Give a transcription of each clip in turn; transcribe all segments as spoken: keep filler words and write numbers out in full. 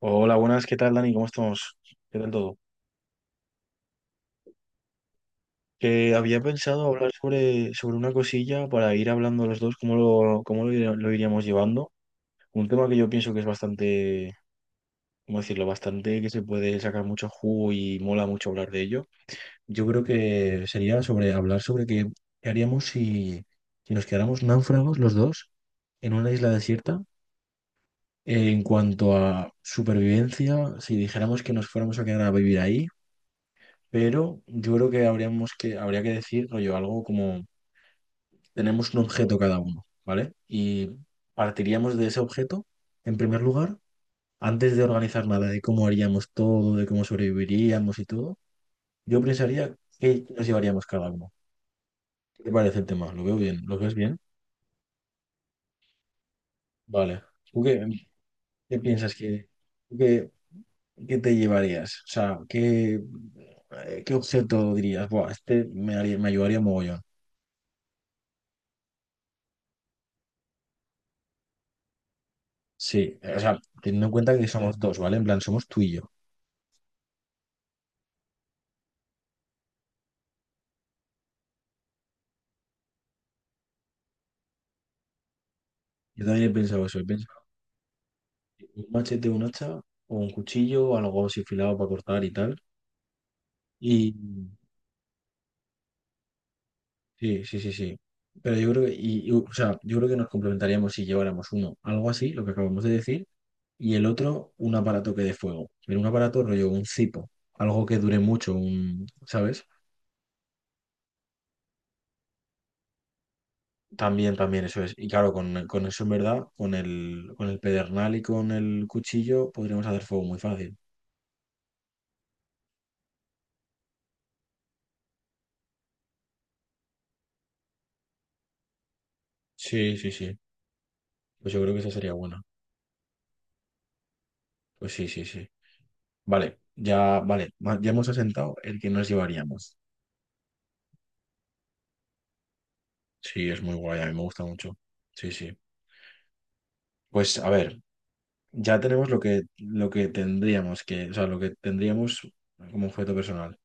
Hola, buenas, ¿qué tal, Dani? ¿Cómo estamos? ¿Qué tal todo? Que había pensado hablar sobre, sobre una cosilla para ir hablando los dos, cómo lo, cómo lo, ir- lo iríamos llevando. Un tema que yo pienso que es bastante, ¿cómo decirlo? Bastante que se puede sacar mucho jugo y mola mucho hablar de ello. Yo creo que sería sobre hablar sobre qué, qué haríamos si, si nos quedáramos náufragos los dos en una isla desierta. En cuanto a supervivencia, si dijéramos que nos fuéramos a quedar a vivir ahí, pero yo creo que habríamos que, habría que decir, rollo, algo como tenemos un objeto cada uno, ¿vale? Y partiríamos de ese objeto, en primer lugar, antes de organizar nada, de cómo haríamos todo, de cómo sobreviviríamos y todo, yo pensaría qué nos llevaríamos cada uno. ¿Qué te parece el tema? ¿Lo veo bien? ¿Lo ves bien? Vale. ¿Tú qué, qué piensas que, tú qué, Qué te llevarías? O sea, ¿qué, eh, qué objeto dirías? Buah, este me haría- me ayudaría mogollón. Sí, o sea, teniendo en cuenta que somos dos, ¿vale? En plan, somos tú y yo. Yo también he pensado eso, he pensado un machete, un hacha o un cuchillo o algo así afilado para cortar y tal. Y sí, sí, sí, sí. Pero yo creo que, y, y, o sea, yo creo que nos complementaríamos si lleváramos uno, algo así, lo que acabamos de decir, y el otro, un aparato que dé fuego. Pero un aparato rollo, un cipo, algo que dure mucho, un, ¿sabes? También, también, eso es. Y claro, con, con eso en verdad, con el, con el pedernal y con el cuchillo podríamos hacer fuego muy fácil. Sí, sí, sí. Pues yo creo que esa sería buena. Pues sí, sí, sí. Vale, ya, vale. ma- Ya hemos asentado el que nos llevaríamos. Sí, es muy guay, a mí me gusta mucho. Sí, sí. Pues a ver, ya tenemos lo que, lo que tendríamos que, o sea, lo que tendríamos como objeto personal.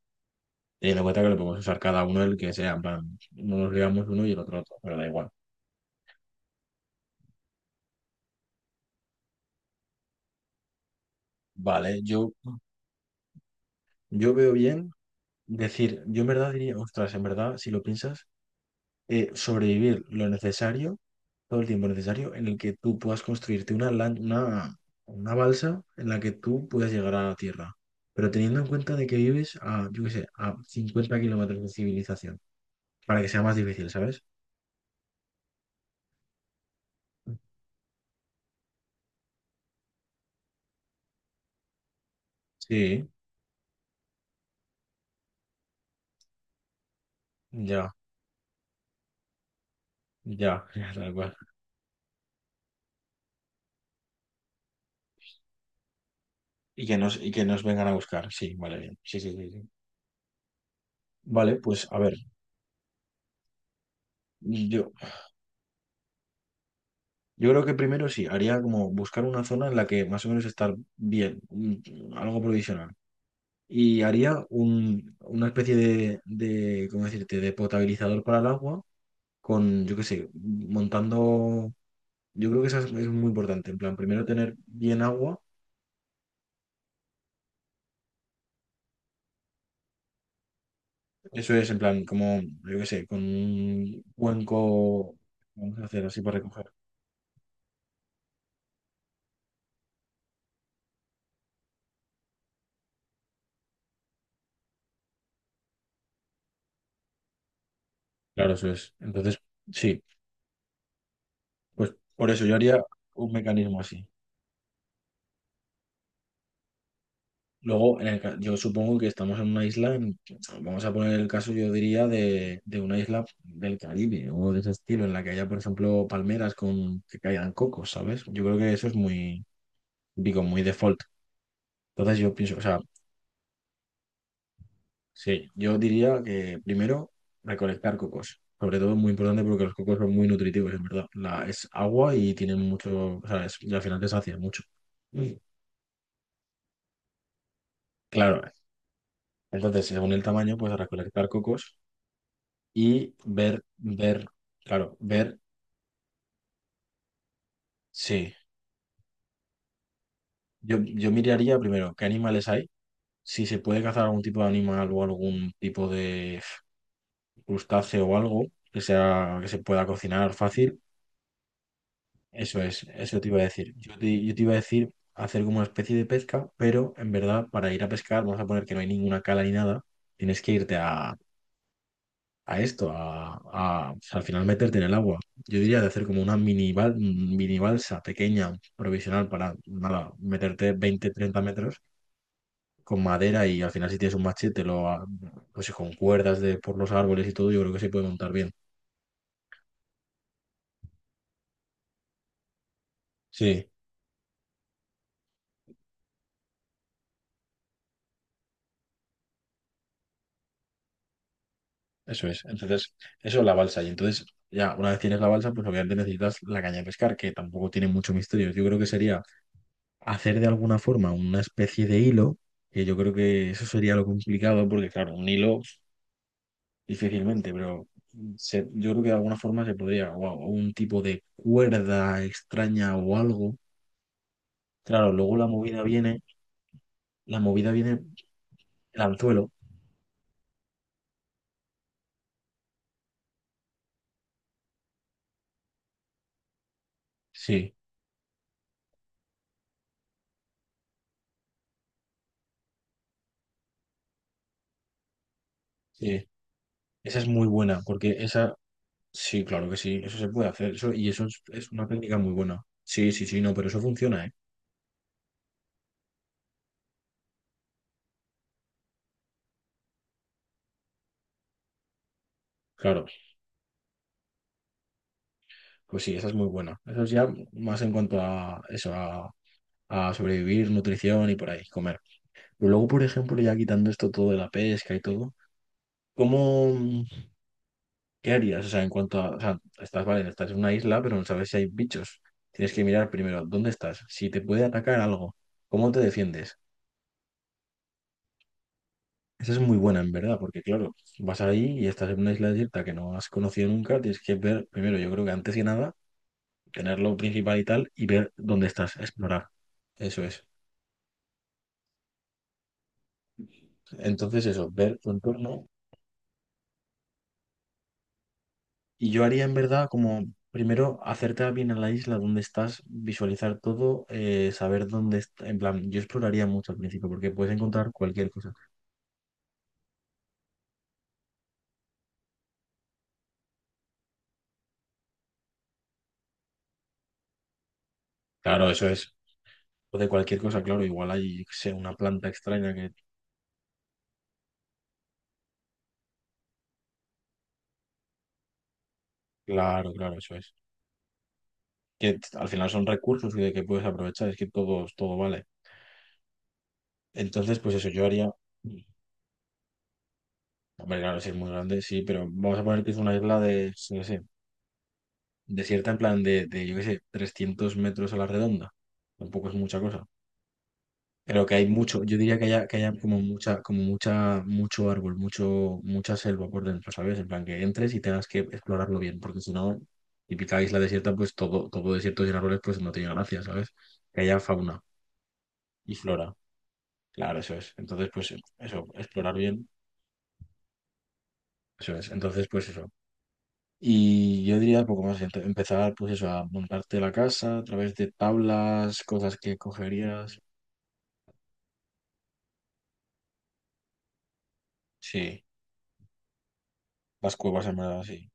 Teniendo en cuenta que lo podemos usar cada uno el que sea, en plan, no nos ligamos uno y el otro otro, pero da igual. Vale, yo, yo veo bien decir, yo en verdad diría, ostras, en verdad, si lo piensas, eh, sobrevivir lo necesario, todo el tiempo necesario en el que tú puedas construirte una, lan- una, una balsa en la que tú puedas llegar a la Tierra. Pero teniendo en cuenta de que vives a, yo qué sé, a cincuenta kilómetros de civilización, para que sea más difícil, ¿sabes? Sí, ya, ya, ya, tal cual. Y que nos, y que nos vengan a buscar, sí, vale, bien. Sí, sí, sí, sí. Vale, pues a ver, yo, yo creo que primero sí, haría como buscar una zona en la que más o menos estar bien, mm, algo provisional. Y haría un- una especie de, de, ¿cómo decirte?, de potabilizador para el agua con, yo qué sé, montando, yo creo que eso es, es muy importante, en plan, primero tener bien agua, eso es en plan, como, yo qué sé, con un cuenco, vamos a hacer así para recoger. Claro, eso es. Entonces, sí, pues por eso yo haría un mecanismo así. Luego, en el ca- yo supongo que estamos en una isla, en- vamos a poner el caso, yo diría, de, de una isla del Caribe o de ese estilo, en la que haya, por ejemplo, palmeras con que caigan cocos, ¿sabes? Yo creo que eso es muy, digo, muy default. Entonces yo pienso, o sea, sí, yo diría que primero recolectar cocos. Sobre todo es muy importante porque los cocos son muy nutritivos, en verdad. La, es agua y tienen mucho, o sea, es- y al final te sacia mucho. Mm. Claro, entonces según el tamaño, pues recolectar cocos. Y ver, ver, claro, ver, sí. Yo, yo miraría primero qué animales hay, si se puede cazar algún tipo de animal o algún tipo de crustáceo o algo que sea, que se pueda cocinar fácil. Eso es, eso te iba a decir. Yo te, yo te iba a decir hacer como una especie de pesca, pero en verdad para ir a pescar vamos a poner que no hay ninguna cala ni nada. Tienes que irte a a esto, a, a- al final meterte en el agua. Yo diría de hacer como una mini, bal- mini balsa pequeña, provisional, para nada, meterte veinte treinta metros con madera y al final si tienes un machete, lo, a- pues con cuerdas de, por los árboles y todo, yo creo que se puede montar bien. Sí, eso es. Entonces, eso es la balsa. Y entonces, ya, una vez tienes la balsa, pues obviamente necesitas la caña de pescar, que tampoco tiene mucho misterio. Yo creo que sería hacer de alguna forma una especie de hilo, que yo creo que eso sería lo complicado, porque claro, un hilo difícilmente, pero se- yo creo que de alguna forma se podría, o a- o un tipo de cuerda extraña o algo. Claro, luego la movida viene, la movida viene, el anzuelo. Sí, sí, esa es muy buena, porque esa, sí, claro que sí, eso se puede hacer, eso, y eso es, es una técnica muy buena. Sí, sí, sí, no, pero eso funciona, ¿eh? Claro, pues sí, esa es muy buena. Eso es ya más en cuanto a eso, a, a sobrevivir, nutrición y por ahí, comer. Pero luego, por ejemplo, ya quitando esto todo de la pesca y todo, ¿cómo? ¿Qué harías? O sea, en cuanto a, o sea, estás, vale, estás en una isla, pero no sabes si hay bichos. Tienes que mirar primero dónde estás, si te puede atacar algo, cómo te defiendes. Esa es muy buena, en verdad, porque claro, vas ahí y estás en una isla desierta que no has conocido nunca, tienes que ver primero, yo creo que antes que nada, tener lo principal y tal, y ver dónde estás, explorar. Eso es. Entonces, eso, ver tu entorno. Y yo haría en verdad como primero acercar bien a la isla donde estás, visualizar todo, eh, saber dónde está. En plan, yo exploraría mucho al principio porque puedes encontrar cualquier cosa. Claro, eso es. O de cualquier cosa, claro, igual hay, yo qué sé, una planta extraña que. Claro, claro, eso es. Que t- al final son recursos y de que puedes aprovechar, es que todo, todo vale. Entonces, pues eso, yo haría. Hombre, claro, si es muy grande, sí, pero vamos a poner que es una isla de, yo qué sé, desierta en plan de, de yo qué sé, trescientos metros a la redonda. Tampoco es mucha cosa. Pero que hay mucho, yo diría que haya, que haya como mucha, como mucha, mucho árbol, mucho, mucha selva por dentro, ¿sabes? En plan que entres y tengas que explorarlo bien, porque si no, típica isla desierta, pues todo, todo desierto sin árboles, pues no tiene gracia, ¿sabes? Que haya fauna y flora, claro, eso es. Entonces, pues eso, explorar bien, eso es. Entonces, pues eso. Y yo diría poco más, ent- empezar, pues eso, a montarte la casa a través de tablas, cosas que cogerías. Sí, las cuevas en verdad, sí.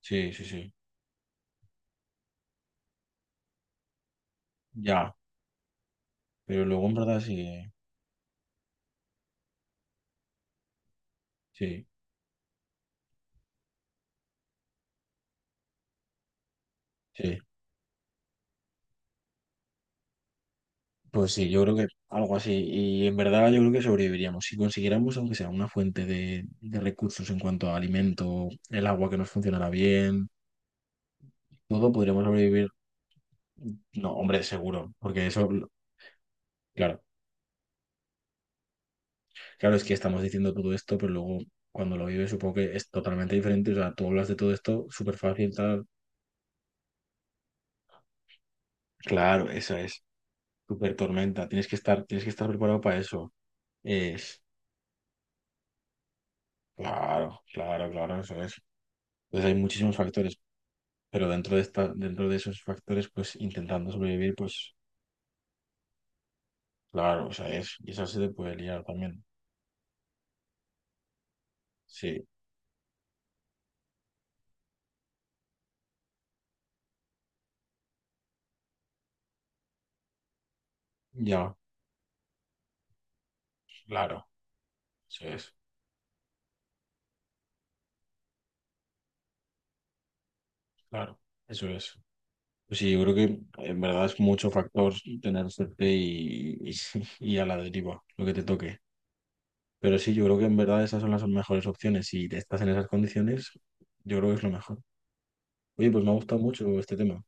Sí, sí, sí. Ya. Pero luego en verdad sí, sí, sí. Pues sí, yo creo que algo así. Y en verdad yo creo que sobreviviríamos. Si consiguiéramos, aunque sea una fuente de, de recursos en cuanto a alimento, el agua que nos funcionara bien, todo podríamos sobrevivir. No, hombre, seguro. Porque eso, lo- claro, claro, es que estamos diciendo todo esto, pero luego cuando lo vives supongo que es totalmente diferente. O sea, tú hablas de todo esto súper fácil, tal. Claro, esa es. Súper tormenta. Tienes que estar, tienes que estar preparado para eso. Es. Claro, claro, claro, eso es. Entonces hay muchísimos factores, pero dentro de esta, dentro de esos factores, pues intentando sobrevivir, pues claro, o sea, es, y esa se te puede liar también. Sí, ya, claro, eso es, claro, eso es. Pues sí, yo creo que en verdad es mucho factor tener suerte y, y, y a la deriva, lo que te toque. Pero sí, yo creo que en verdad esas son las mejores opciones. Si te estás en esas condiciones, yo creo que es lo mejor. Oye, pues me ha gustado mucho este tema.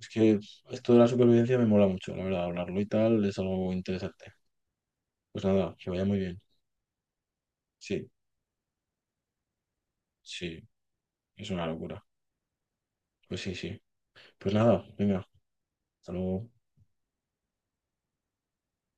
Es que esto de la supervivencia me mola mucho, la verdad, hablarlo y tal es algo interesante. Pues nada, que vaya muy bien. Sí, sí, es una locura. Pues sí, sí. Pues nada, venga, hasta luego.